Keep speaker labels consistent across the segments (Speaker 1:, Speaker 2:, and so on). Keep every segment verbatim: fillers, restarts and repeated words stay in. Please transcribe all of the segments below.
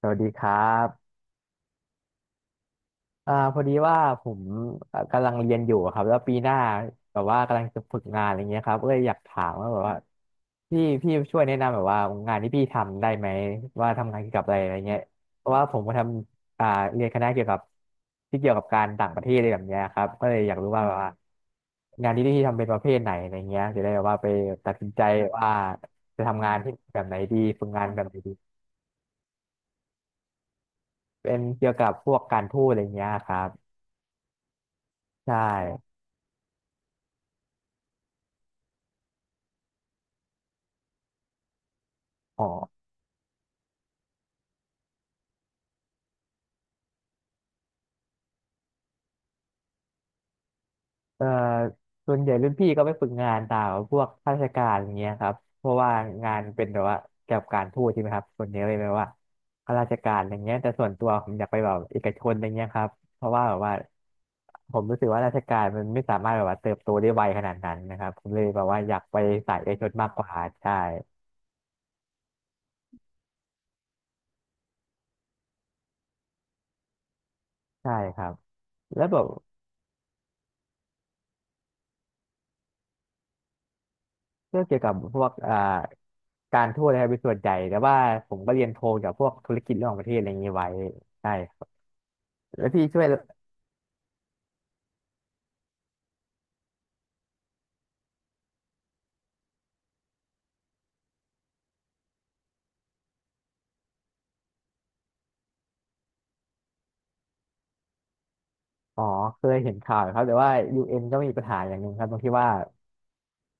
Speaker 1: สวัสดีครับอ่าพอดีว่าผมเอ่อกำลังเรียนอยู่อะครับแล้วปีหน้าแบบว่ากำลังจะฝึกงานอะไรเงี้ยครับเอ้ยอยากถามว่าแบบว่าพี่พี่ช่วยแนะนำแบบว่างานที่พี่ทำได้ไหมว่าทำงานเกี่ยวกับอะไรอะไรเงี้ยเพราะว่าผมก็ทำอ่าเรียนคณะเกี่ยวกับที่เกี่ยวกับการต่างประเทศอะไรแบบเนี้ยครับก็เลยอยากรู้ว่าแบบว่างานที่พี่ทำเป็นประเภทไหนอะไรเงี้ยจะได้แบบว่าไปตัดสินใจว่าจะทำงานที่แบบไหนดีฝึกงานแบบไหนดีเป็นเกี่ยวกับพวกการทูตอะไรเงี้ยครับใช่ อ๋อเอ่อส่วนใหญ่รุ่นพี่ก็ไปฝึกงานตามพวกข้าราชการอย่างเงี้ยครับเพราะว่างานเป็นแบบว่าเกี่ยวกับการทูตใช่ไหมครับส่วนใหญ่เลยแบบว่าข้าราชการอย่างเงี้ยแต่ส่วนตัวผมอยากไปแบบเอกชนอย่างเงี้ยครับเพราะว่าแบบว่าผมรู้สึกว่าราชการมันไม่สามารถแบบว่าเติบโตได้ไวขนาดนั้นนะครับผมเลยแบบว่าอยากไปสายเอกชนมากกว่าใช่ใช่ครับแล้วแบบเรื่องเกี่ยวกับพวกอ่าการทูตนะครับเป็นส่วนใหญ่แต่ว่าผมก็เรียนโทเกี่ยวกับพวกธุรกิจระหว่างประเทศอะไรอย่างนี้ไว้ใช่ แล้วพี่ช่วยอ๋อเคยเห็นข่าวอยู่ครับแต่ว่ายูเอ็นก็มีปัญหาอย่างหนึ่งครับตรงที่ว่า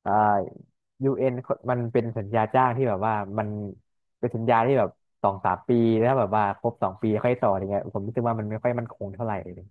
Speaker 1: อ่า ยู เอ็น มันเป็นสัญญาจ้างที่แบบว่ามันเป็นสัญญาที่แบบสองสามปีแล้วแบบว่าครบสองปีค่อยต่ออะไรเงี้ยผมรู้สึกว่ามันไม่ค่อยมั่นคงเท่าไหร่เลย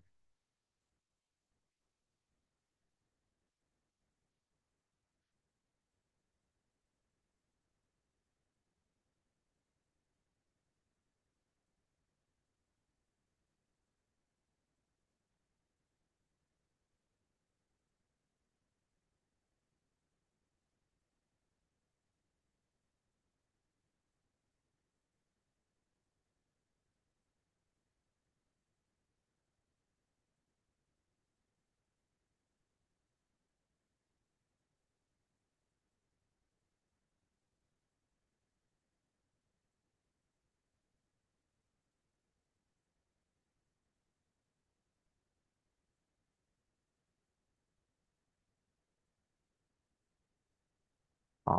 Speaker 1: อ๋อ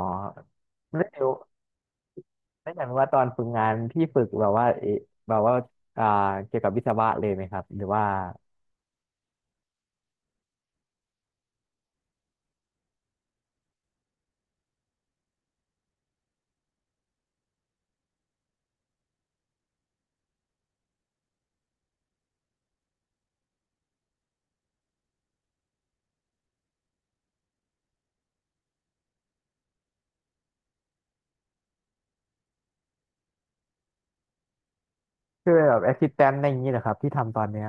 Speaker 1: แล้วเดี๋ยวแล้วอย่างว่าตอนฝึกงานพี่ฝึกแบบว่าเอแบบว่าอ่าเกี่ยวกับวิศวะเลยไหมครับหรือว่าช่วยแบบแอสซิสแตนต์อะไรอย่างนี้เหรอครับที่ทำตอนเนี้ย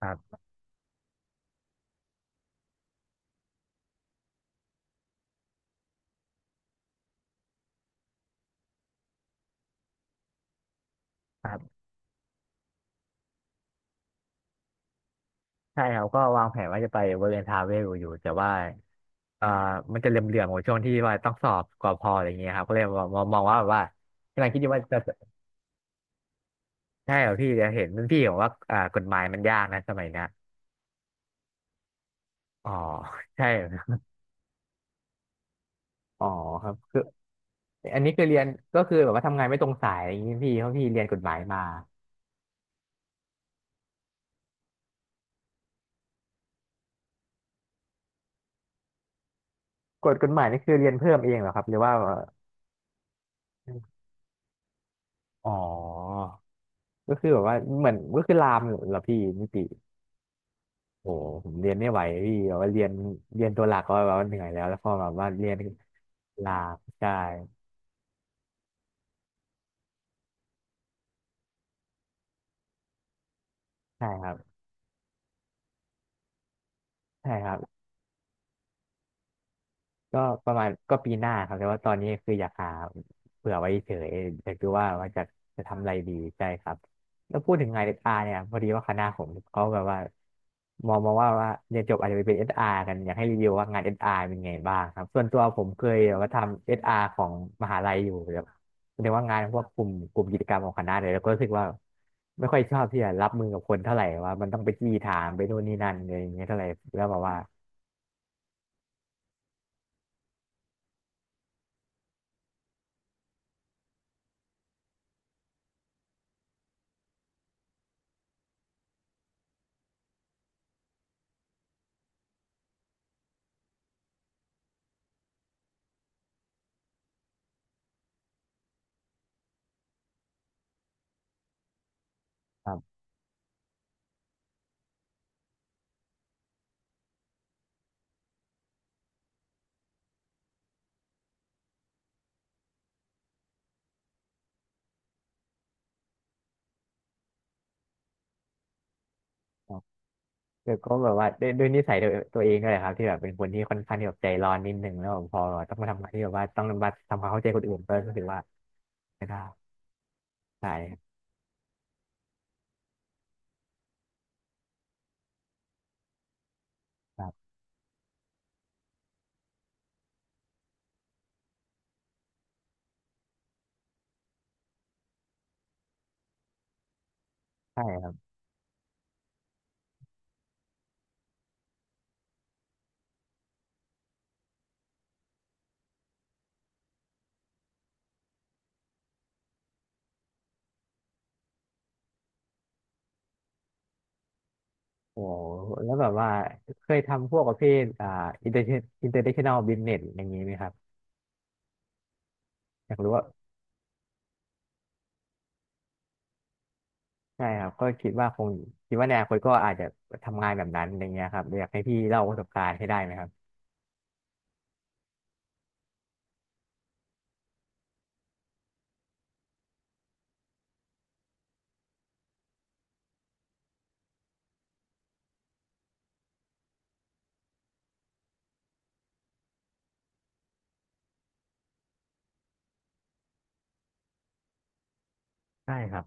Speaker 1: ครับครับใช่ครับก็วางแผนว่าจะไปบริเวณทาเวลอยู่แต่ว่า อ่ามันจะเหลื่อมๆกว่าช่วงที่ว่าต้องสอบกว่าพออะไรเงี้ยครับก็เลยมองมองมองว่าแบบว่ากำลังคิดอยู่ว่าจะใช่เหรอพี่จะเห็นรุ่นพี่บอกว่าอ่ากฎหมายมันยากนะสมัยเนี้ยอ๋อใช่ออ๋อครับคืออันนี้คือเรียนก็คือแบบว่าทำงานไม่ตรงสายอย่างนี้พี่เพราะพี่เรียนกฎหมายมากฎกฎหมายนี่คือเรียนเพิ่มเองเหรอครับหรือว่าอ๋อก็คือแบบว่าเหมือนก็คือลามเหรอพี่นิติโอ้โหผมเรียนไม่ไหวพี่แบบว่าเรียนเรียนตัวหลักก็แบบว่าเหนื่อยแล้วแล้วพอแบบว่าเรียนลามใช่ ใช่ครับใช่ครับก็ประมาณก็ปีหน้าครับแต่ว่าตอนนี้คืออยากหาเผื่อไว้เฉยอยากดูว่าว่าจะจะทำอะไรดีใช่ครับแล้วพูดถึงงานเอสอาร์เนี่ยพอดีว่าคณะผมเขาแบบว่ามองมาว่าว่าเรียนจบอาจจะไปเป็นเอสอาร์กันอยากให้รีวิวว่างานเอสอาร์เป็นไงบ้างครับส่วนตัวผมเคยแบบว่าทำเอสอาร์ของมหาลัยอยู่แบบแสดงว่างานพวกกลุ่มกลุ่มกิจกรรมของคณะเลยแล้วก็รู้สึกว่าไม่ค่อยชอบที่จะรับมือกับคนเท่าไหร่ว่ามันต้องไปจี้ถามไปนู่นนี่นั่นอะไรอย่างเงี้ยเท่าไหร่แล้วแบบว่าครับ เดี๋ยวก็แบบว่าด้วยด้วยนิสัยตัวเองด้วยแหละครับที่แบบเป็นคนที่ค่อนข้างที่แบบใจร้อนนิดนึงแล้วแบบพอต้องมาทำงานที่แบบว่าต้องมาทำความเข้าใจคนอื่นก็รู้สึกว่าไม่ได้ใช่ครับใช่ครับโอ้โหแล้วแบบว่าเคยทำพวกประเภทอ่าอินเตอร์อินเตอร์เนชั่นแนลบิสเนสอย่างนี้ไหมครับอยากรู้ว่าใช่ครับก็คิดว่าคงคิดว่าในอนาคตก็อาจจะทำงานแบบนั้นอย่างเงี้ยครับอยากให้พี่เล่าประสบการณ์ให้ได้ไหมครับใช่ครับ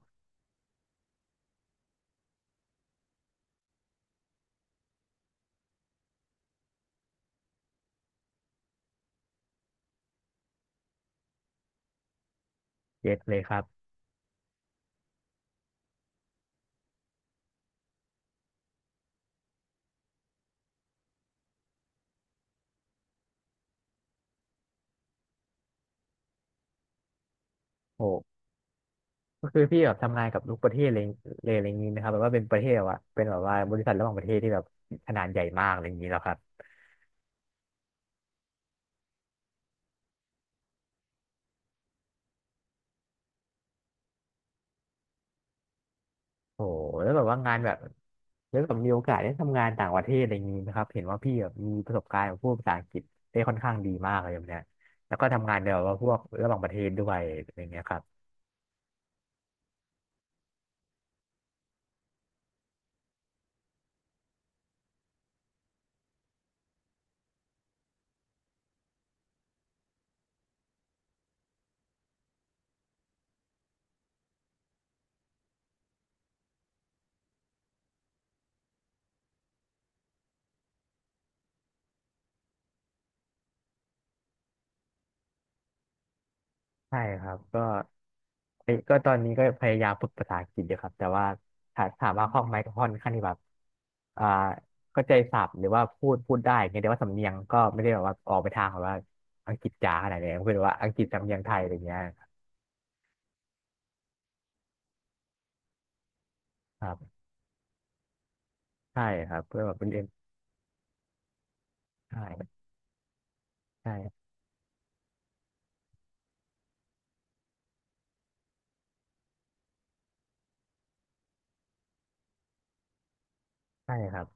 Speaker 1: เก็ตเลยครับโห ก็คือพี่แบบทำงานกับทุกประเทศเลยเลยอะไรอย่างนี้นะครับแบบว่าเป็นประเทศแบบว่าเป็นแบบว่าบริษัทระหว่างประเทศที่แบบขนาดใหญ่มากอะไรอย่างนี้แล้วครับโอ้โหแล้วแบบว่างานแบบแล้วแบบมีโอกาสได้ทำงานต่างประเทศอะไรอย่างนี้นะครับเห็นว่าพี่แบบมีประสบการณ์กับพวกภาษาอังกฤษได้ค่อนข้างดีมากเลยแบบเนี้ยแล้วก็ทำงานในแบบว่าพวกระหว่างประเทศด้วยอะไรเงี้ยครับ ใช่ครับก็เอ้ยก็ตอนนี้ก็พยายามฝึกภาษาอังกฤษอยู่ครับแต่ว่าถาถามว่าคล่องไหมก็ค่อนข้างที่แบบอ่าเข้าใจศัพท์หรือว่าพูดพูดได้อย่างเงี้ยแต่ว่าสำเนียงก็ไม่ได้แบบว่าออกไปทางแบบว่าอังกฤษจ๋าขนาดนี้ก็เป็นว่าอังกฤษสำเนียงไทยอะไรเงี้ยครับใช่ครับเพื่อแบบเป็นเรียนใช่ใช่ใช่ครับ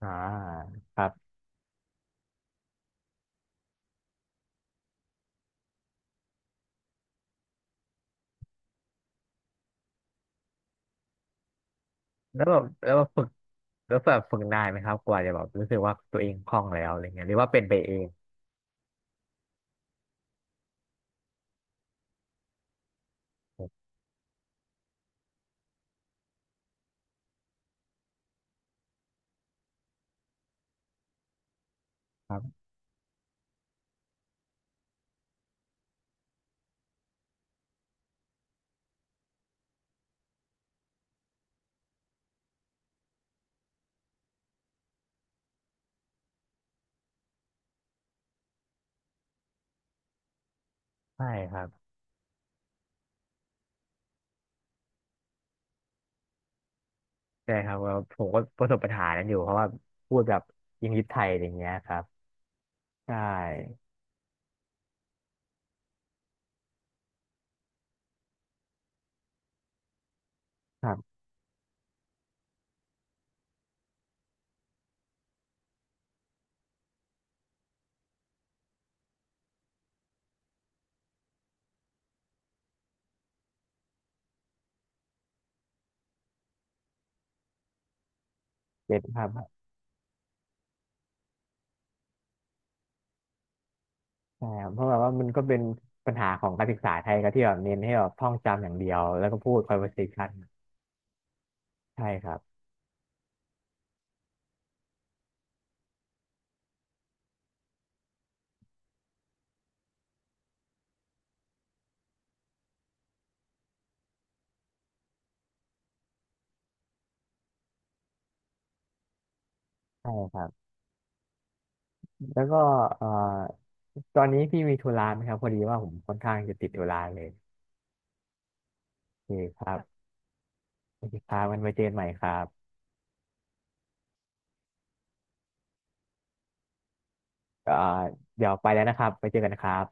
Speaker 1: อ่าครับแล้วแบบแล้วแบบฝึกแล้วแบบฝึกนานไหมครับกว่าจะแบบรู้สึกว่าตัวเองคล่องแล้วอะไรเงี้ยหรือว่าเป็นไปเองครับใช่ครับ ใช่ครับก็ผมก็ประสบปัญหานั้นอยู่เพราะว่าพูดแบบยิงยิบไทยอะไรเงี้ยครับใช่ครับเก็ตครับใช่ครับเพราะแบบว่ามันก็เป็นปัญหาของการศึกษาไทยก็ที่แบบเน้นให้แบบท่องจำอย่างเดียวแล้วก็พูด conversation ใช่ครับใช่ครับแล้วก็เอ่อตอนนี้พี่มีธุระไหมครับพอดีว่าผมค่อนข้างจะติดธุระเลยโอเคครับโอเคครับมันไว้เจอกันใหม่ครับเอ่อเดี๋ยวไปแล้วนะครับไปเจอกันนะครับ